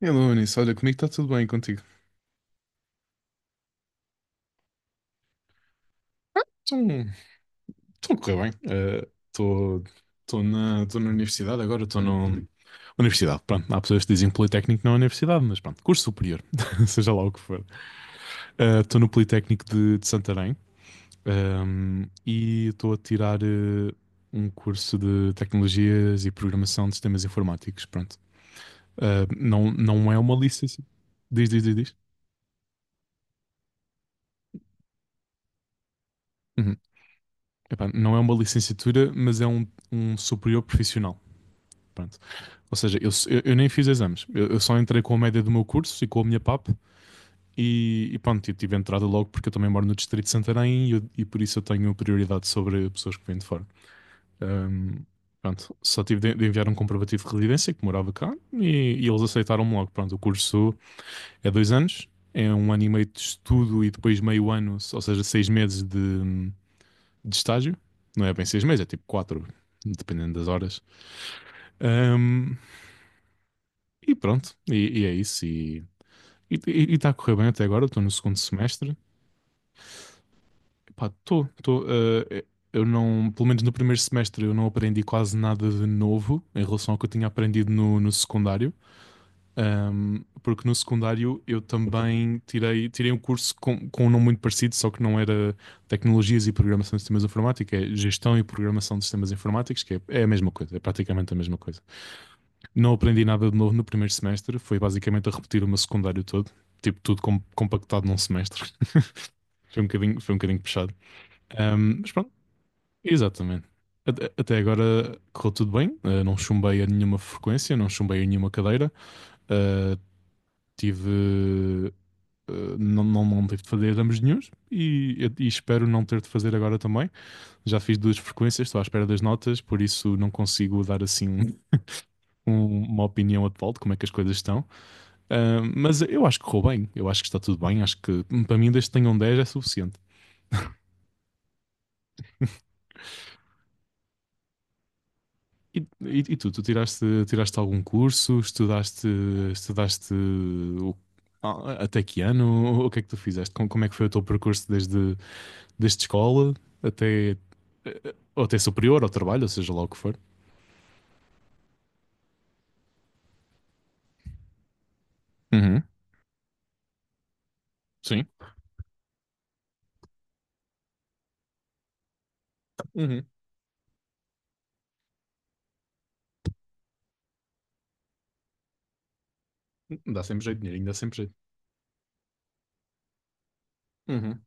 Hello, Anísio. Olha, comigo está tudo bem, contigo? Estou estou a correr bem. Estou estou na universidade agora, estou na universidade. Pronto, há pessoas que dizem Politécnico não é universidade, mas pronto, curso superior, seja lá o que for. Estou no Politécnico de Santarém, e estou a tirar um curso de Tecnologias e Programação de Sistemas Informáticos. Pronto. Eh, não é uma licença. Diz, diz, diz, diz. Uhum. Epá, não é uma licenciatura, mas é um superior profissional. Pronto. Ou seja, eu nem fiz exames. Eu só entrei com a média do meu curso e com a minha PAP e pronto, eu tive entrada logo porque eu também moro no Distrito de Santarém e, e por isso eu tenho prioridade sobre pessoas que vêm de fora. Ahm, pronto, só tive de enviar um comprovativo de residência que morava cá e eles aceitaram-me logo. Pronto, o curso é dois anos, é um ano e meio de estudo e depois meio ano, ou seja, seis meses de estágio. Não é bem seis meses, é tipo quatro, dependendo das horas. Ahm, e pronto, e é isso. E está a correr bem até agora, estou no segundo semestre. Pá, estou, estou. Eh, eu não, Pelo menos no primeiro semestre, eu não aprendi quase nada de novo em relação ao que eu tinha aprendido no secundário. Porque no secundário eu também tirei um curso com um nome muito parecido, só que não era Tecnologias e Programação de Sistemas Informáticos, é Gestão e Programação de Sistemas Informáticos, é a mesma coisa, é praticamente a mesma coisa. Não aprendi nada de novo no primeiro semestre, foi basicamente a repetir o meu secundário todo, tipo tudo compactado num semestre. Foi um bocadinho puxado. Mas pronto, exatamente. Até agora correu tudo bem. Ah, não chumbei a nenhuma frequência, não chumbei a nenhuma cadeira. Ah, tive. Ah, não tive de fazer exames nenhuns e espero não ter de fazer agora também. Já fiz duas frequências, estou à espera das notas, por isso não consigo dar assim uma opinião atual de como é que as coisas estão. Ah, mas eu acho que correu bem, eu acho que está tudo bem. Acho que para mim, desde que tenham 10 é suficiente. E tu, tu tiraste, tiraste algum curso? Estudaste, estudaste o- até que ano? O que é que tu fizeste? Como, como é que foi o teu percurso desde escola até, ou até superior, ao trabalho, ou seja lá o que for? Uhum. Sim. Uhum. Dá sempre jeito, dinheirinho, dá sempre jeito. Uhum.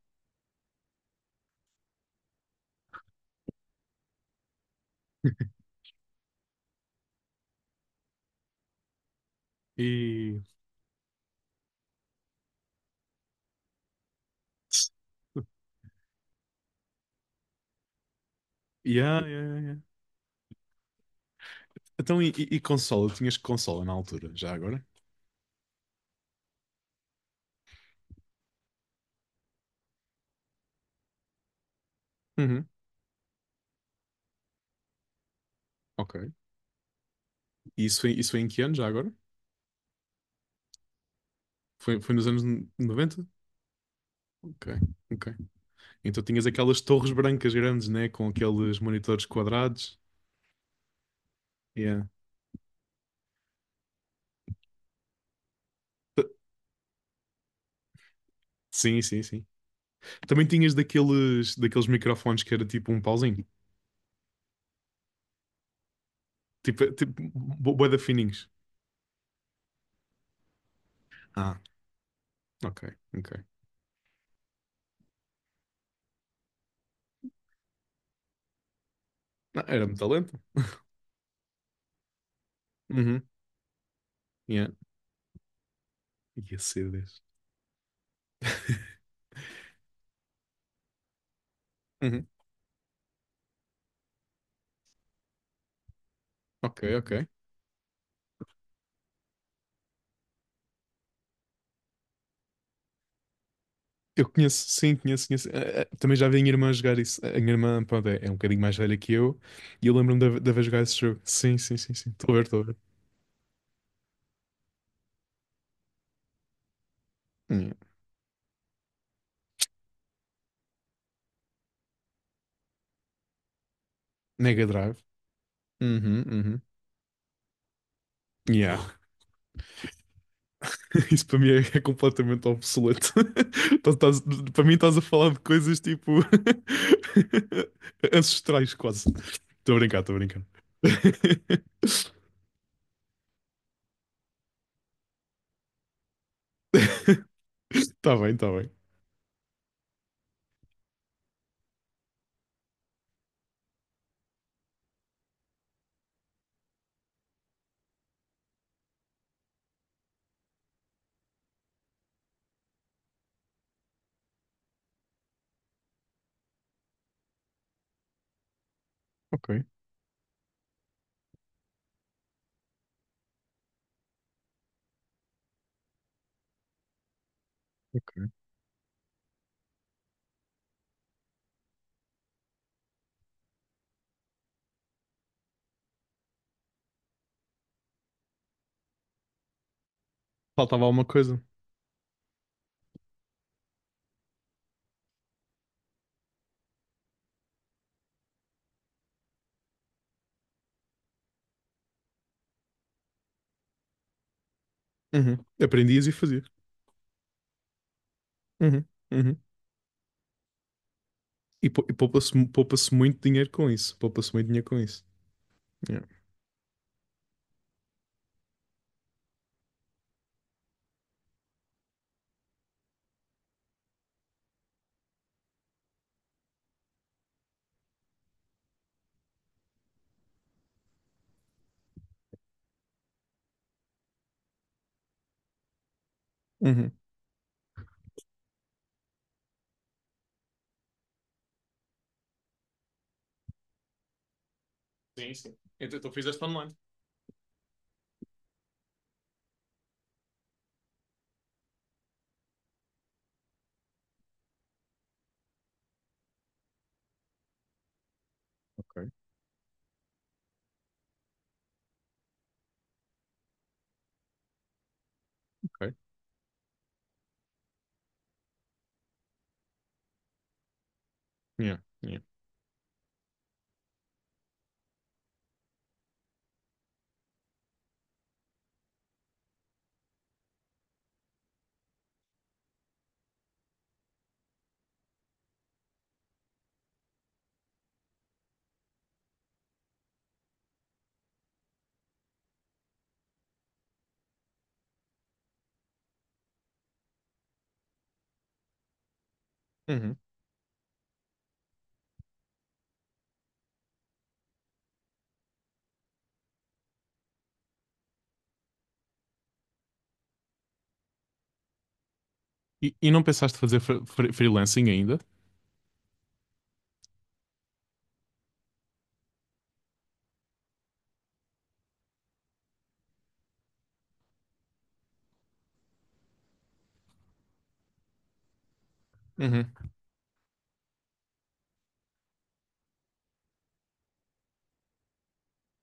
E. Yeah, yeah, yeah, yeah. Então, e consola? Tinhas consola na altura, já agora? Uhum. Ok. Isso foi em que ano, já agora? Foi, foi nos anos noventa. Ok, ok. Então tinhas aquelas torres brancas grandes, né? Com aqueles monitores quadrados. Yeah. T- Sim, sim, sim. Também tinhas daqueles microfones que era tipo um pauzinho. Tipo bué da fininhos. Ah, ok, ok. Não, era muito talento. Uhum, yeah. E a CDs. Uhum, ok, ok. Eu conheço, sim, conheço, conheço. Eh, eh, também já vi a minha irmã jogar isso. A minha irmã, pronto, é um bocadinho mais velha que eu. E eu lembro-me de haver jogado esse jogo. Sim, sim, sim, sim. Estou a ver, estou a ver. Yeah. Mega Drive. Uhum, uhum. Yeah. Isso para mim é completamente obsoleto. Tá- tás- Para mim estás a falar de coisas tipo ancestrais quase. Estou a brincar, estou a brincar. Está bem, está bem. Ok, ok. Faltava alguma coisa. Uhum. Aprendias e fazias. Uhum, uhum. E poupa-se poupa-se muito dinheiro com isso. Poupa-se muito dinheiro com isso. Yeah. Uhum. Sim, sim. Então tu fizeste online. Ok, ok. Yeah, yeah. Uhum. E não pensaste fazer freelancing ainda?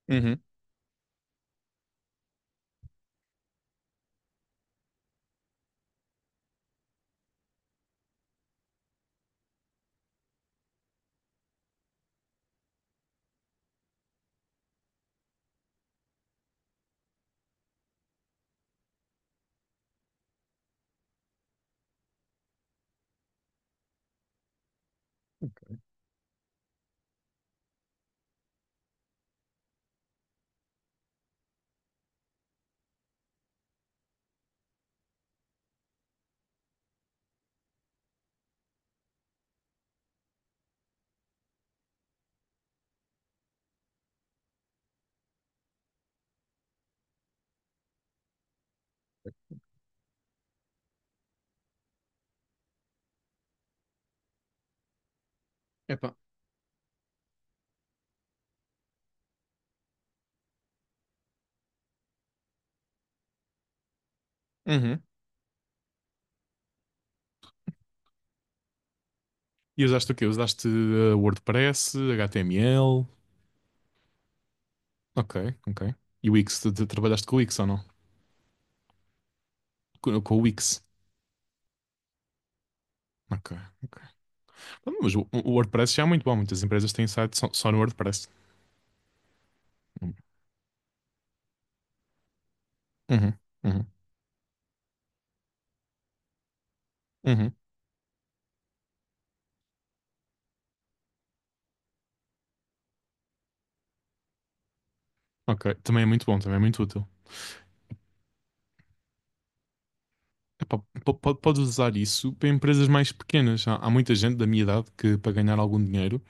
Uhum. Epá. Uhum. E usaste o quê? Usaste WordPress, HTML. Ok, ok. E Wix, tu trabalhaste com o Wix ou não? Com o Wix. Ok, ok. Então, mas o WordPress já é muito bom. Muitas empresas têm site só, só no WordPress. Uhum, uhum, uhum. Ok, também é muito bom, também é muito útil. Epá, podes usar isso para empresas mais pequenas. Há, há muita gente da minha idade que, para ganhar algum dinheiro,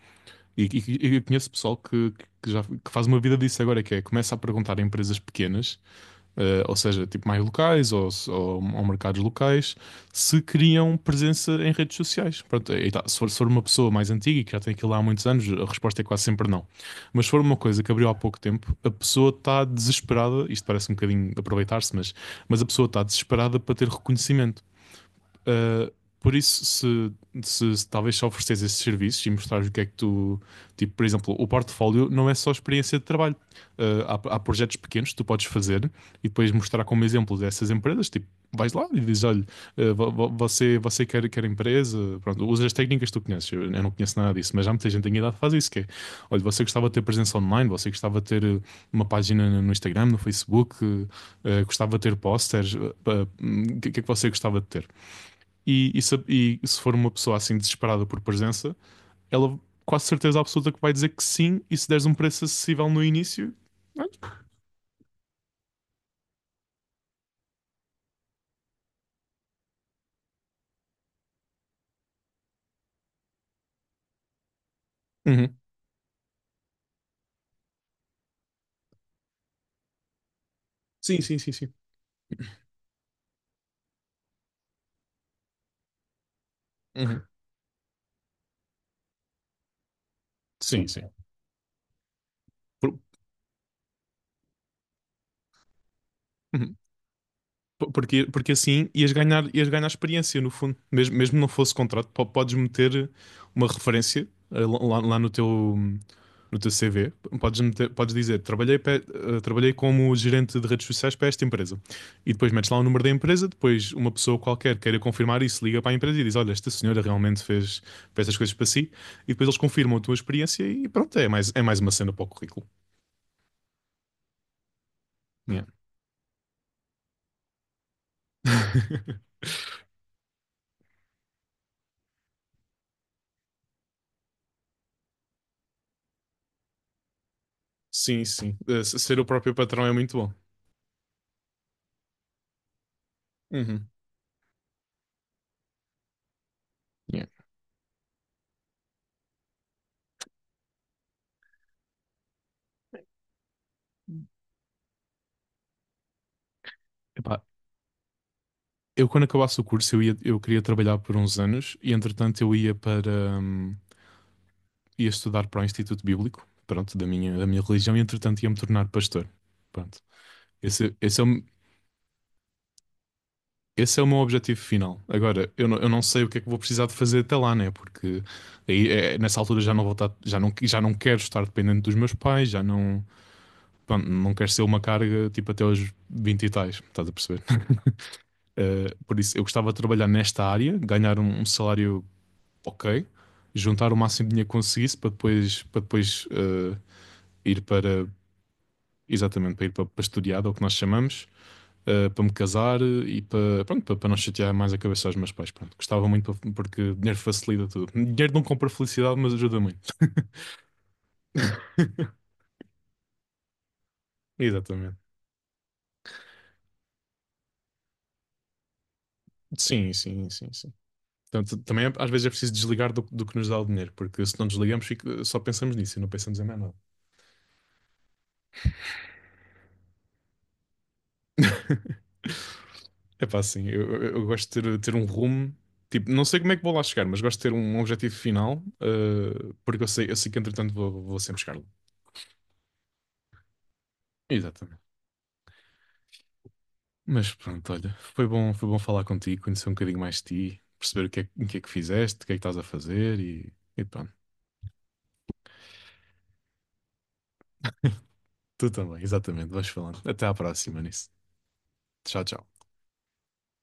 e eu conheço pessoal que faz uma vida disso agora, que é começa a perguntar a empresas pequenas ou seja, tipo mais locais ou, ou mercados locais, se criam presença em redes sociais. Pronto, aí tá. Se for uma pessoa mais antiga e que já tem aquilo há muitos anos, a resposta é quase sempre não. Mas se for uma coisa que abriu há pouco tempo, a pessoa está desesperada, isto parece um bocadinho aproveitar-se, mas a pessoa está desesperada para ter reconhecimento. Uh, por isso, se talvez só ofereces esses serviços e mostrares o que é que tu. Tipo, por exemplo, o portfólio não é só experiência de trabalho. Há, há projetos pequenos que tu podes fazer e depois mostrar como exemplo dessas empresas. Tipo, vais lá e dizes: olha, você quer, quer empresa, pronto, usa as técnicas que tu conheces. Eu não conheço nada disso, mas já muita gente tem idade que faz isso: que é, olha, você gostava de ter presença online, você gostava de ter uma página no Instagram, no Facebook, gostava de ter posters, o que é que você gostava de ter? E se for uma pessoa assim desesperada por presença, ela quase certeza absoluta que vai dizer que sim, e se deres um preço acessível no início, uhum. Sim, sim, sim, sim. Uhum. Sim, sim. Por- uhum. Porque, porque assim ias ganhar experiência, no fundo. Mesmo, mesmo não fosse contrato, podes meter uma referência eh, lá, lá no teu, no teu CV. Podes dizer, trabalhei, trabalhei como gerente de redes sociais para esta empresa. E depois metes lá o número da empresa, depois uma pessoa qualquer queira confirmar isso, liga para a empresa e diz, olha, esta senhora realmente fez, fez estas coisas para si. E depois eles confirmam a tua experiência e pronto, é mais uma cena para o currículo. Yeah. Sim, sim. Eh, ser o próprio patrão é muito bom. Uhum. Yeah. Epá, eu quando acabasse o curso eu ia, eu queria trabalhar por uns anos e entretanto eu ia para hum, ia estudar para o Instituto Bíblico, pronto, da da minha religião e entretanto ia me tornar pastor. Pronto. Esse, esse é o, esse é o meu objetivo final. Agora, eu não sei o que é que vou precisar de fazer até lá, né? Porque aí, é, nessa altura já não vou estar, já não quero estar dependente dos meus pais, já não, pronto, não quero ser uma carga tipo até aos 20 e tais, estás a perceber? Eh, por isso, eu gostava de trabalhar nesta área, ganhar um salário ok, juntar o máximo de dinheiro que conseguisse para depois eh, ir para, exatamente, para ir para, para estudar, é o que nós chamamos, eh, para me casar e para, pronto, para, para não chatear mais a cabeça aos meus pais. Pronto, gostava muito porque dinheiro facilita tudo. Dinheiro não compra felicidade, mas ajuda muito. Exatamente. Sim, sim, sim, sim. Portanto, também é, às vezes é preciso desligar do, do que nos dá o dinheiro, porque se não desligamos, só pensamos nisso e não pensamos em mais nada. É pá, assim, eu gosto de ter, ter um rumo. Tipo, não sei como é que vou lá chegar, mas gosto de ter um objetivo final, eh, porque eu sei que entretanto vou, vou sempre chegar lá. Exatamente. Mas pronto, olha, foi bom falar contigo, conhecer um bocadinho mais de ti, perceber o que é, o que é que fizeste, o que é que estás a fazer e pronto. Tu também, exatamente, vais falando. Até à próxima nisso. Tchau, tchau.